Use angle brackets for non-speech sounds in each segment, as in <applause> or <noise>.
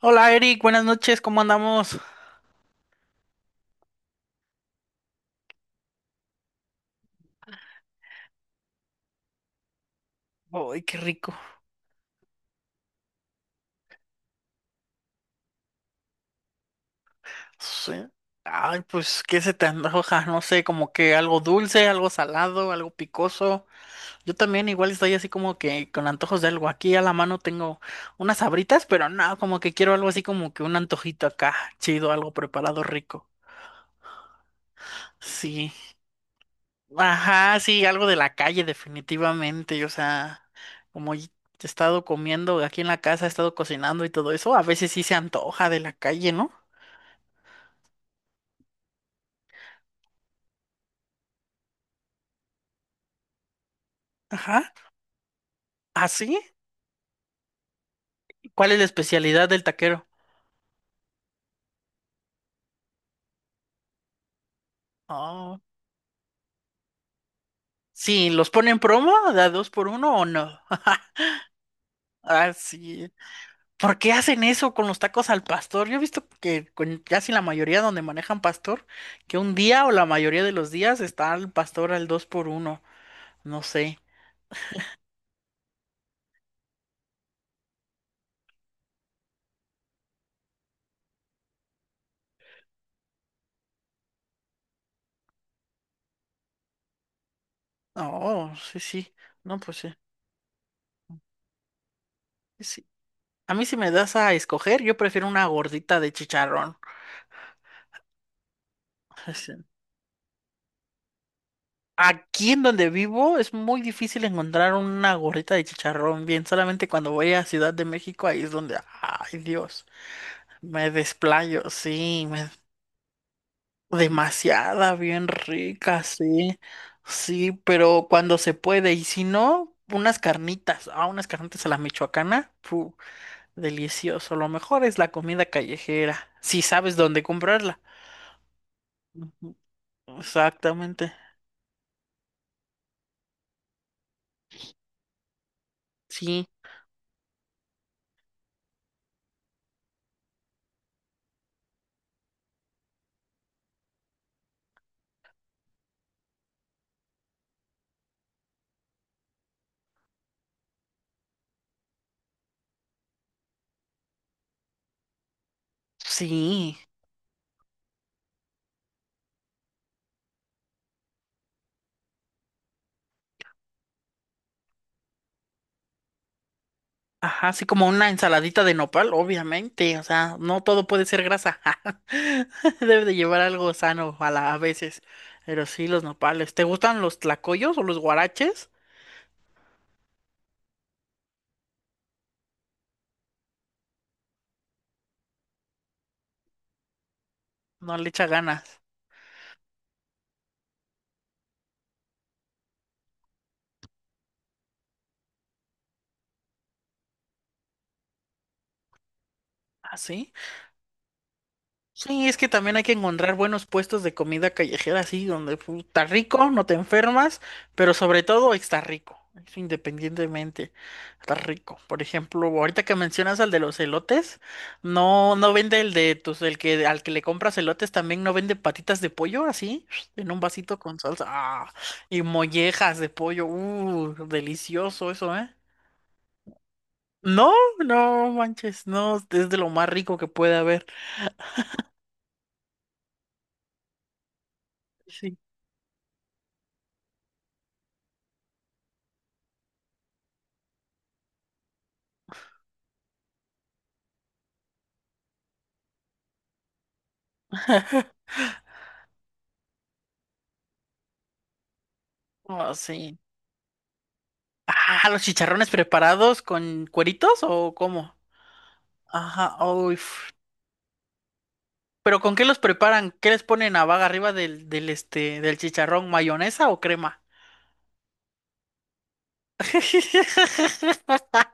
Hola Eric, buenas noches, ¿cómo andamos? Ay, qué rico. Sí. Ay, pues, ¿qué se te antoja? No sé, como que algo dulce, algo salado, algo picoso. Yo también igual estoy así como que con antojos de algo. Aquí a la mano tengo unas sabritas, pero no, como que quiero algo así como que un antojito acá, chido, algo preparado rico. Sí. Ajá, sí, algo de la calle definitivamente. O sea, como y- he estado comiendo aquí en la casa, he estado cocinando y todo eso, a veces sí se antoja de la calle, ¿no? Ajá. ¿Ah, sí? ¿Cuál es la especialidad del taquero? Oh. Sí, ¿los ponen promo? ¿Da dos por uno o no? <laughs> Ah, sí. ¿Por qué hacen eso con los tacos al pastor? Yo he visto que con casi la mayoría donde manejan pastor, que un día o la mayoría de los días está el pastor al dos por uno. No sé. Oh, sí, sí. No, pues sí. Sí. A mí si me das a escoger, yo prefiero una gordita de chicharrón. <laughs> Aquí en donde vivo es muy difícil encontrar una gorrita de chicharrón bien. Solamente cuando voy a Ciudad de México, ahí es donde, ay Dios, me desplayo, sí, me... demasiada, bien rica, sí, sí, pero cuando se puede, y si no, unas carnitas, ah, unas carnitas a la michoacana, pu, delicioso. Lo mejor es la comida callejera, si sabes dónde comprarla. Ujú. Exactamente, sí, sí. Ajá, así como una ensaladita de nopal, obviamente, o sea, no todo puede ser grasa. <laughs> Debe de llevar algo sano a a veces, pero sí los nopales. ¿Te gustan los tlacoyos o los guaraches? No le echa ganas. ¿Ah, sí? Sí, es que también hay que encontrar buenos puestos de comida callejera, así, donde pu, está rico, no te enfermas, pero sobre todo está rico, eso independientemente, está rico. Por ejemplo, ahorita que mencionas al de los elotes, no, no vende el de tus, el que al que le compras elotes también no vende patitas de pollo, así, en un vasito con salsa, ah, y mollejas de pollo, delicioso eso, ¿eh? No, no manches, no, es de lo más rico que puede haber. Sí. Ah, sí. ¿Ah, los chicharrones preparados con cueritos o cómo? Ajá, uy. F- ¿Pero con qué los preparan? ¿Qué les ponen a vaga arriba del chicharrón? ¿Mayonesa o crema? <laughs>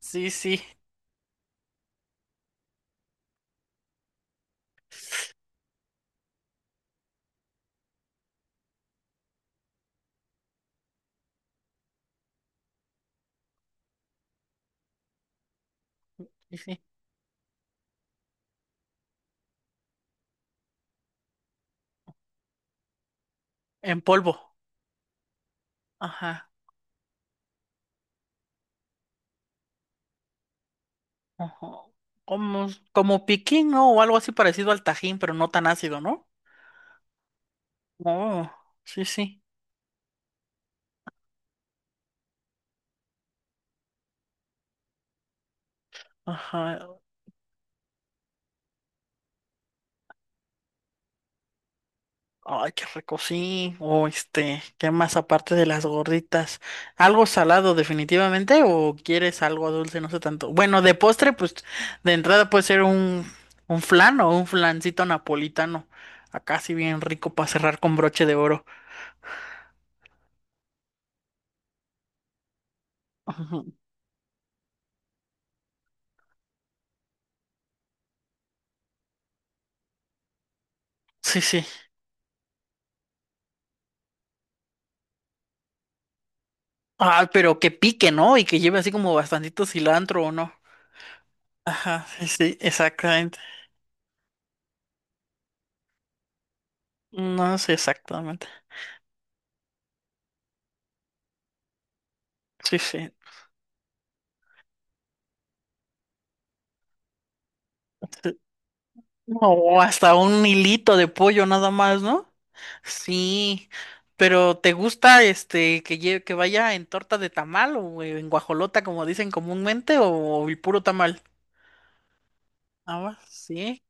Sí, sí, sí, sí. En polvo. Ajá. Ojo. Como, como piquín, ¿no? O algo así parecido al tajín, pero no tan ácido, ¿no? Oh, sí, sí. Ajá. Ay, qué rico, sí. O este, ¿qué más aparte de las gorditas? ¿Algo salado definitivamente o quieres algo dulce? No sé tanto. Bueno, de postre, pues de entrada puede ser un flan o un flancito napolitano. Acá sí bien rico para cerrar con broche de oro. Ujú. Sí, sí. Ah, pero que pique, ¿no? Y que lleve así como bastantito cilantro o no. Ajá, sí, sí, exactamente. No sé exactamente. Sí, sí. Sí. O hasta un hilito de pollo nada más, ¿no? Sí, pero ¿te gusta este que vaya en torta de tamal o en guajolota como dicen comúnmente o el puro tamal? Ah, va, sí,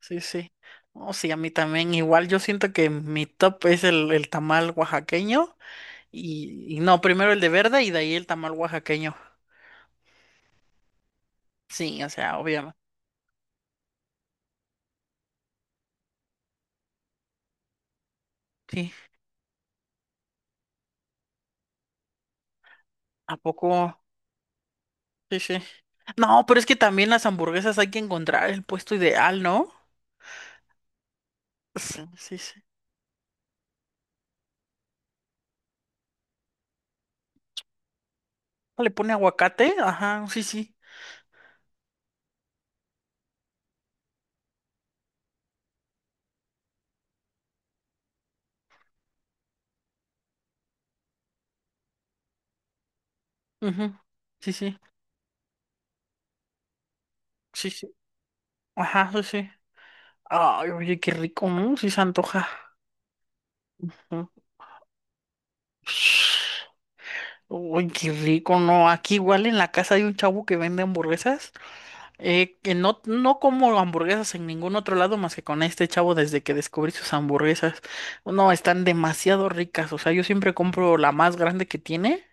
sí, sí. Oh, sí, a mí también igual. Yo siento que mi top es el tamal oaxaqueño y no, primero el de verde y de ahí el tamal oaxaqueño. Sí, o sea, obviamente. Sí, ¿a poco? Sí, sí. No, pero es que también las hamburguesas hay que encontrar el puesto ideal, ¿no? Sí, sí, sí. ¿Le pone aguacate? Ajá, sí, sí. Ujú. Sí, sí. Sí, sí. Ajá, sí, sí. Ay, oye, qué rico, ¿no? Sí se antoja. Mm. Uy, qué rico, ¿no? Aquí igual en la casa hay un chavo que vende hamburguesas. Que no, no como hamburguesas en ningún otro lado más que con este chavo desde que descubrí sus hamburguesas. No, están demasiado ricas. O sea, yo siempre compro la más grande que tiene.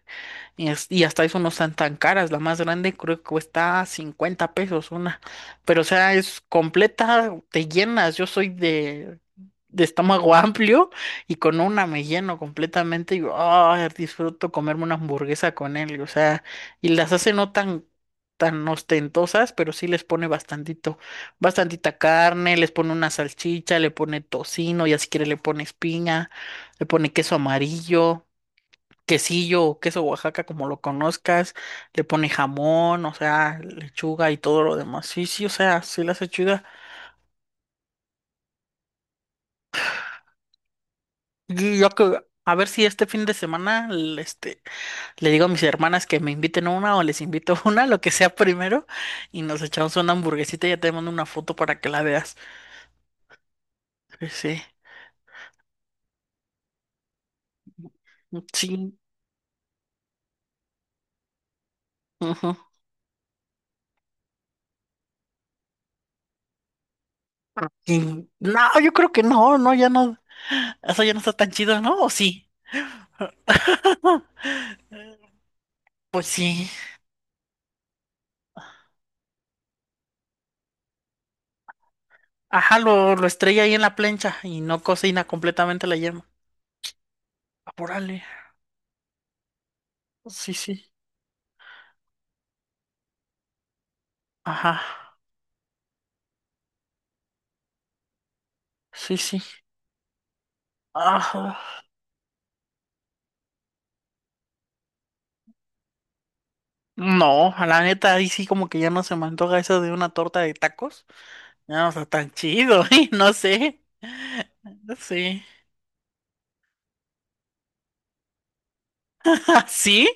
Y, es- y hasta eso no están tan caras. La más grande creo que cuesta 50 pesos una. Pero o sea, es completa, te llenas. Yo soy de estómago amplio y con una me lleno completamente. Y ah, disfruto comerme una hamburguesa con él. O sea, y las hace no tan, tan ostentosas, pero sí les pone bastantito, bastantita carne, les pone una salchicha, le pone tocino, ya si quiere le pones piña, le pone queso amarillo quesillo o queso Oaxaca, como lo conozcas, le pone jamón, o sea, lechuga y todo lo demás. Sí, sí, o sea, sí las hace chida. Y yo que, a ver si este fin de semana le digo a mis hermanas que me inviten una o les invito <laughs> una, lo que sea primero, y nos echamos una hamburguesita y ya te mando una foto para que la veas. Sí, sí. Sí, ujú. Y- no, yo creo que no, no, ya no, eso ya no está tan chido, ¿no? ¿O sí? <laughs> Pues sí. Ajá, lo estrella ahí en la plancha y no cocina completamente la yema. Apúrale. Sí, sí. Ajá. Sí, sí. Ajá. No, a la neta, ahí sí como que ya no se me antoja eso de una torta de tacos. Ya no está tan chido, <laughs> ¿eh? No sé. Sí. <laughs> ¿Sí?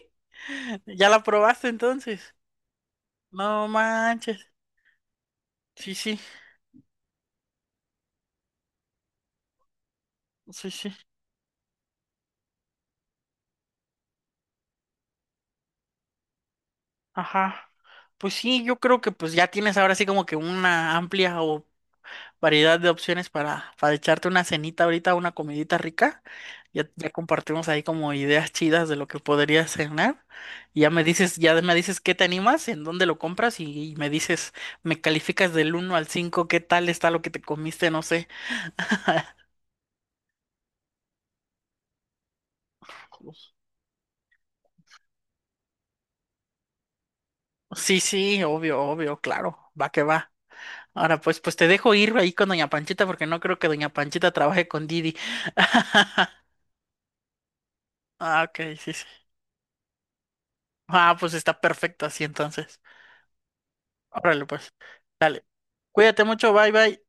¿Ya la probaste entonces? No manches. Sí, sí. Sí, sí. Ajá. Pues sí, yo creo que pues ya tienes ahora sí como que una amplia o variedad de opciones para echarte una cenita ahorita, una comidita rica. Ya, ya compartimos ahí como ideas chidas de lo que podrías cenar. Y ya me dices qué te animas, en dónde lo compras y me dices, me calificas del uno al 5 qué tal está lo que te comiste, no sé. <laughs> Sí, sí, obvio, obvio, claro, va que va. Ahora pues, pues te dejo ir ahí con Doña Panchita porque no creo que Doña Panchita trabaje con Didi. <laughs> Ah, ok, sí, sí. Ah, pues está perfecto así entonces. Órale, pues. Dale. Cuídate mucho, bye bye.